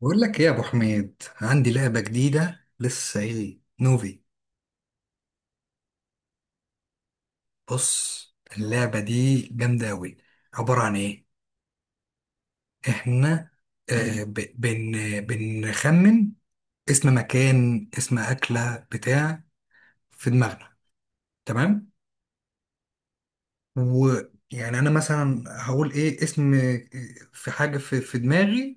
بقول لك ايه يا ابو حميد، عندي لعبه جديده لسه، ايه نوفي؟ بص، اللعبه دي جامده قوي. عباره عن ايه؟ احنا آه ب- بن بنخمن اسم مكان، اسم اكله بتاع، في دماغنا. تمام؟ ويعني انا مثلا هقول ايه اسم، في حاجه في دماغي.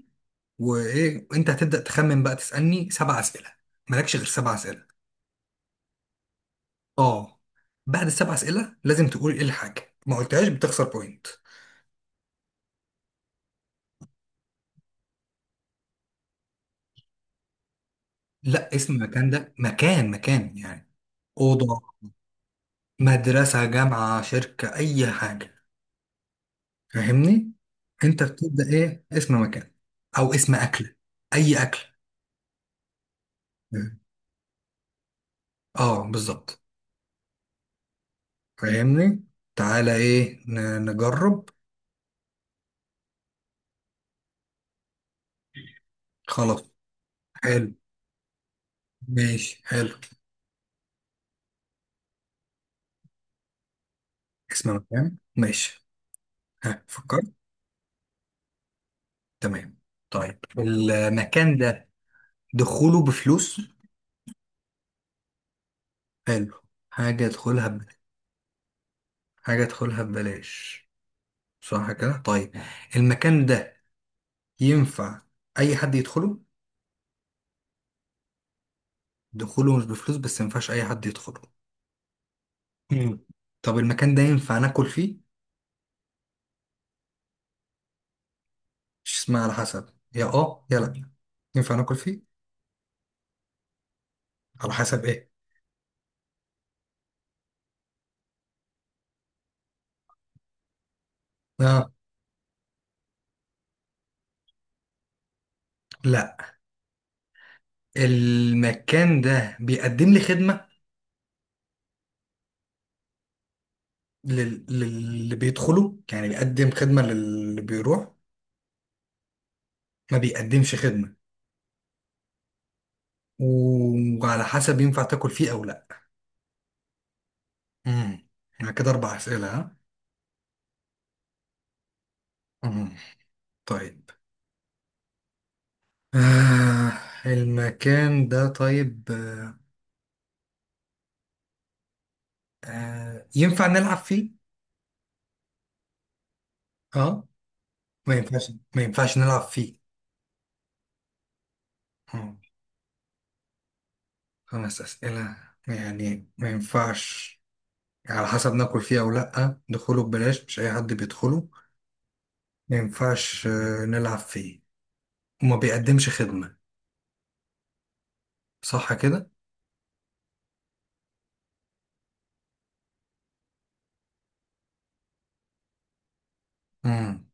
وايه، انت هتبدا تخمن بقى، تسالني سبع اسئله. مالكش غير سبع اسئله. اه. بعد السبع اسئله لازم تقول ايه الحاجه، ما قلتهاش بتخسر بوينت. لا، اسم المكان ده مكان مكان يعني. اوضه. مدرسه، جامعه، شركه، اي حاجه. فاهمني؟ انت بتبدا ايه اسم مكان، او اسم اكله. اي اكل. اه، بالظبط. فاهمني؟ تعالى ايه نجرب. خلاص. حلو. ماشي، حلو. اسم مكان، ماشي. ها، فكرت؟ تمام. طيب، المكان ده دخوله بفلوس؟ حلو. حاجة ادخلها حاجة ادخلها ببلاش، صح كده؟ طيب، المكان ده ينفع أي حد يدخله؟ دخوله مش بفلوس، بس مينفعش أي حد يدخله. مم. طب المكان ده ينفع ناكل فيه؟ مش اسمها على حسب، يا اه يا لا. ينفع ناكل فيه؟ على حسب ايه؟ اه. لا، المكان ده بيقدم لي خدمة؟ للي بيدخله يعني، بيقدم خدمة للي بيروح. ما بيقدمش خدمة، وعلى حسب ينفع تاكل فيه أو لا. امم. يعني كده اربع اسئله، ها؟ امم طيب، آه المكان ده طيب، ينفع نلعب فيه؟ اه. ما ينفعش نلعب فيه. آه. خمس اسئله، يعني ما ينفعش، على حسب ناكل فيه او لا، دخوله ببلاش، مش اي حد بيدخله، ما ينفعش نلعب فيه، وما بيقدمش خدمه. صح كده؟ امم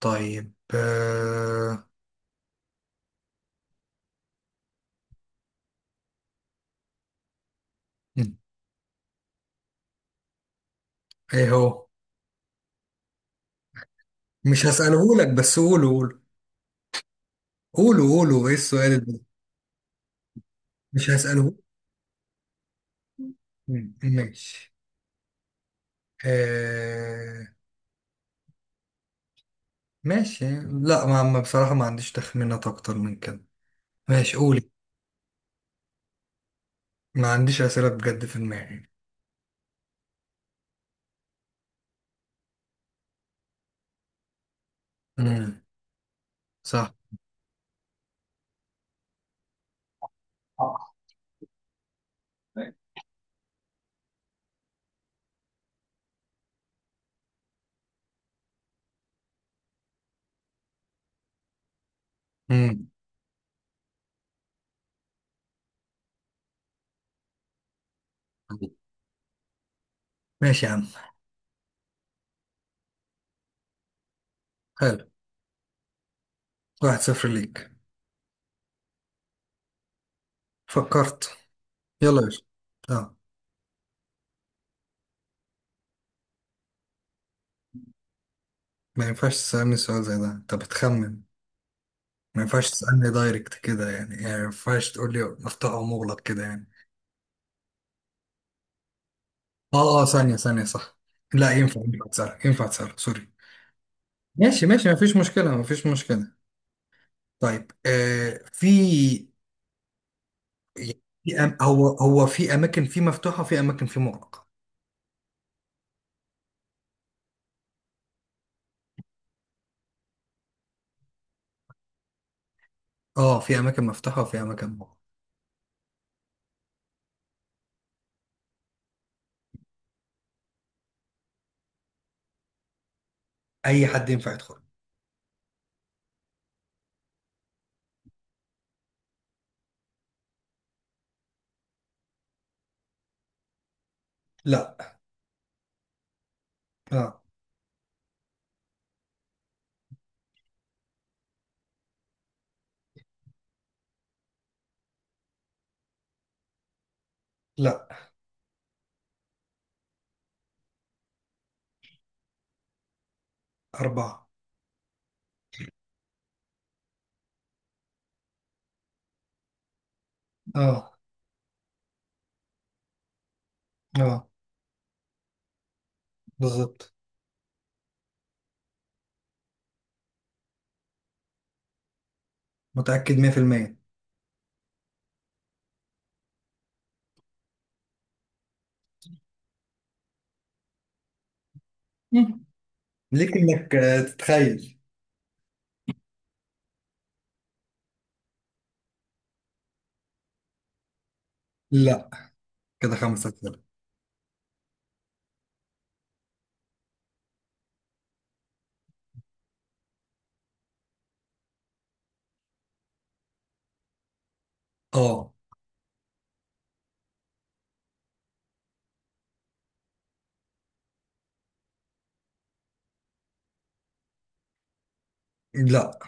طيب، مم. ايه هو؟ مش هسأله لك، بس قوله قوله، قولوا قولوا ايه السؤال اللي، مش هسأله. مم. ماشي. آه... ماشي، لا، بصراحة ما عنديش تخمينات اكتر من كده. ماشي، قولي. ما عنديش أسئلة بجد في دماغي. مم. صح. مم. ماشي يا عم. حلو. 1-0 ليك. فكرت. يلا يا باشا. لا، ما ينفعش تسألني سؤال زي ده، انت بتخمن. ما ينفعش تسألني دايركت كده يعني ما ينفعش تقول لي مفتوح ومغلق كده يعني. اه اه، ثانية ثانية، صح. لا، ينفع تسأل سوري. ماشي ماشي، ما فيش مشكلة ما فيش مشكلة. طيب في، يعني في هو في أماكن في مفتوحة، وفي أماكن في مغلقة. اه، في أماكن مفتوحة وفي أماكن مغلقة. أي حد ينفع يدخل. لا. لا. لا. أربعة. اه. اه، بالظبط. متأكد 100%. مم. ليك إنك تتخيل. لا، كده خمسة كده. اه. لا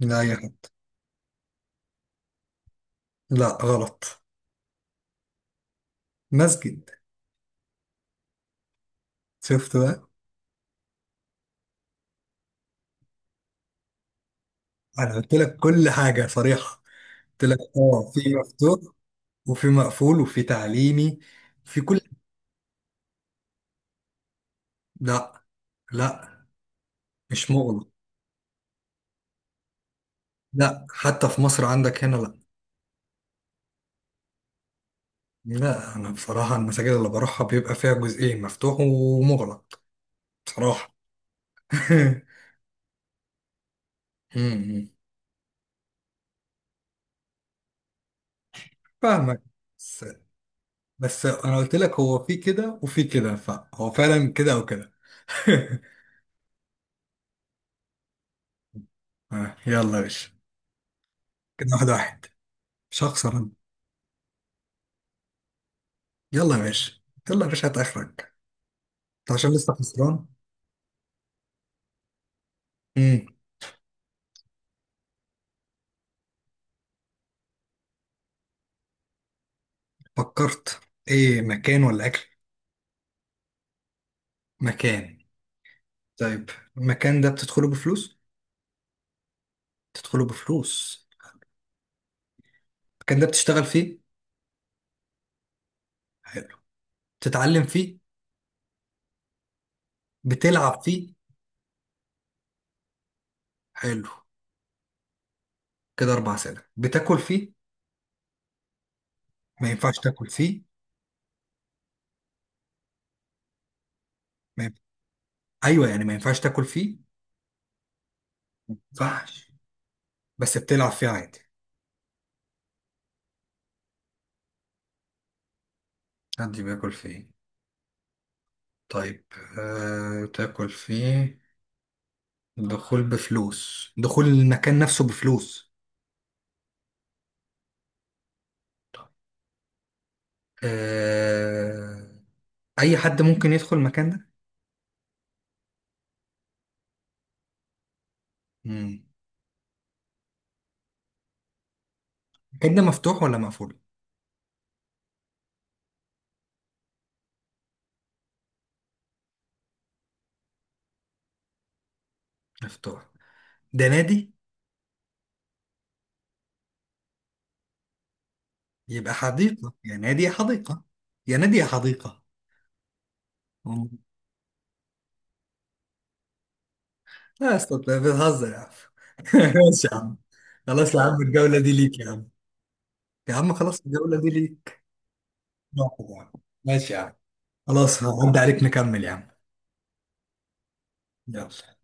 لا يا حد. لا غلط. مسجد. شفت بقى؟ انا قلت لك كل حاجه صريحه، قلت لك اه في مفتوح، وفي مقفول، وفي تعليمي، في كل. لا، لا، مش مغلق. لا، حتى في مصر عندك هنا لا. لا، انا بصراحه المساجد اللي بروحها بيبقى فيها جزئين، مفتوح ومغلق. بصراحه. امم. فاهمك. بس بس انا قلت لك هو في كده وفي كده، فهو فعلا كده او كده. يلا يا باشا. كده 1-1. مش هخسر أنا. يلا يا باشا، يلا يا باشا هات اخرك. انت عشان لسه خسران. امم. فكرت؟ ايه مكان ولا اكل؟ مكان. طيب، المكان ده بتدخله بفلوس؟ بتدخله بفلوس. المكان ده بتشتغل فيه؟ حلو. بتتعلم فيه؟ بتلعب فيه؟ حلو. كده 4 سنين، بتاكل فيه؟ ما ينفعش تاكل فيه، ما ينفع. ايوه يعني، ما ينفعش تاكل فيه، ما ينفعش. بس بتلعب فيه عادي. حد بياكل فيه؟ طيب، تاكل فيه. دخول بفلوس، دخول المكان نفسه بفلوس. آه... اي حد ممكن يدخل المكان ده؟ مم. المكان ده مفتوح ولا مقفول؟ مفتوح. ده نادي. يبقى حديقة، يا نادي يا حديقة. يا نادي يا حديقة. مم. لا يا اسطى، أنت بتهزر يا عم. ماشي يا عم. خلاص يا عم، الجولة دي ليك يا عم. يا عم، خلاص الجولة دي ليك. واحد يا عم. ماشي يا عم. خلاص، هعدي عليك نكمل يا عم. يلا.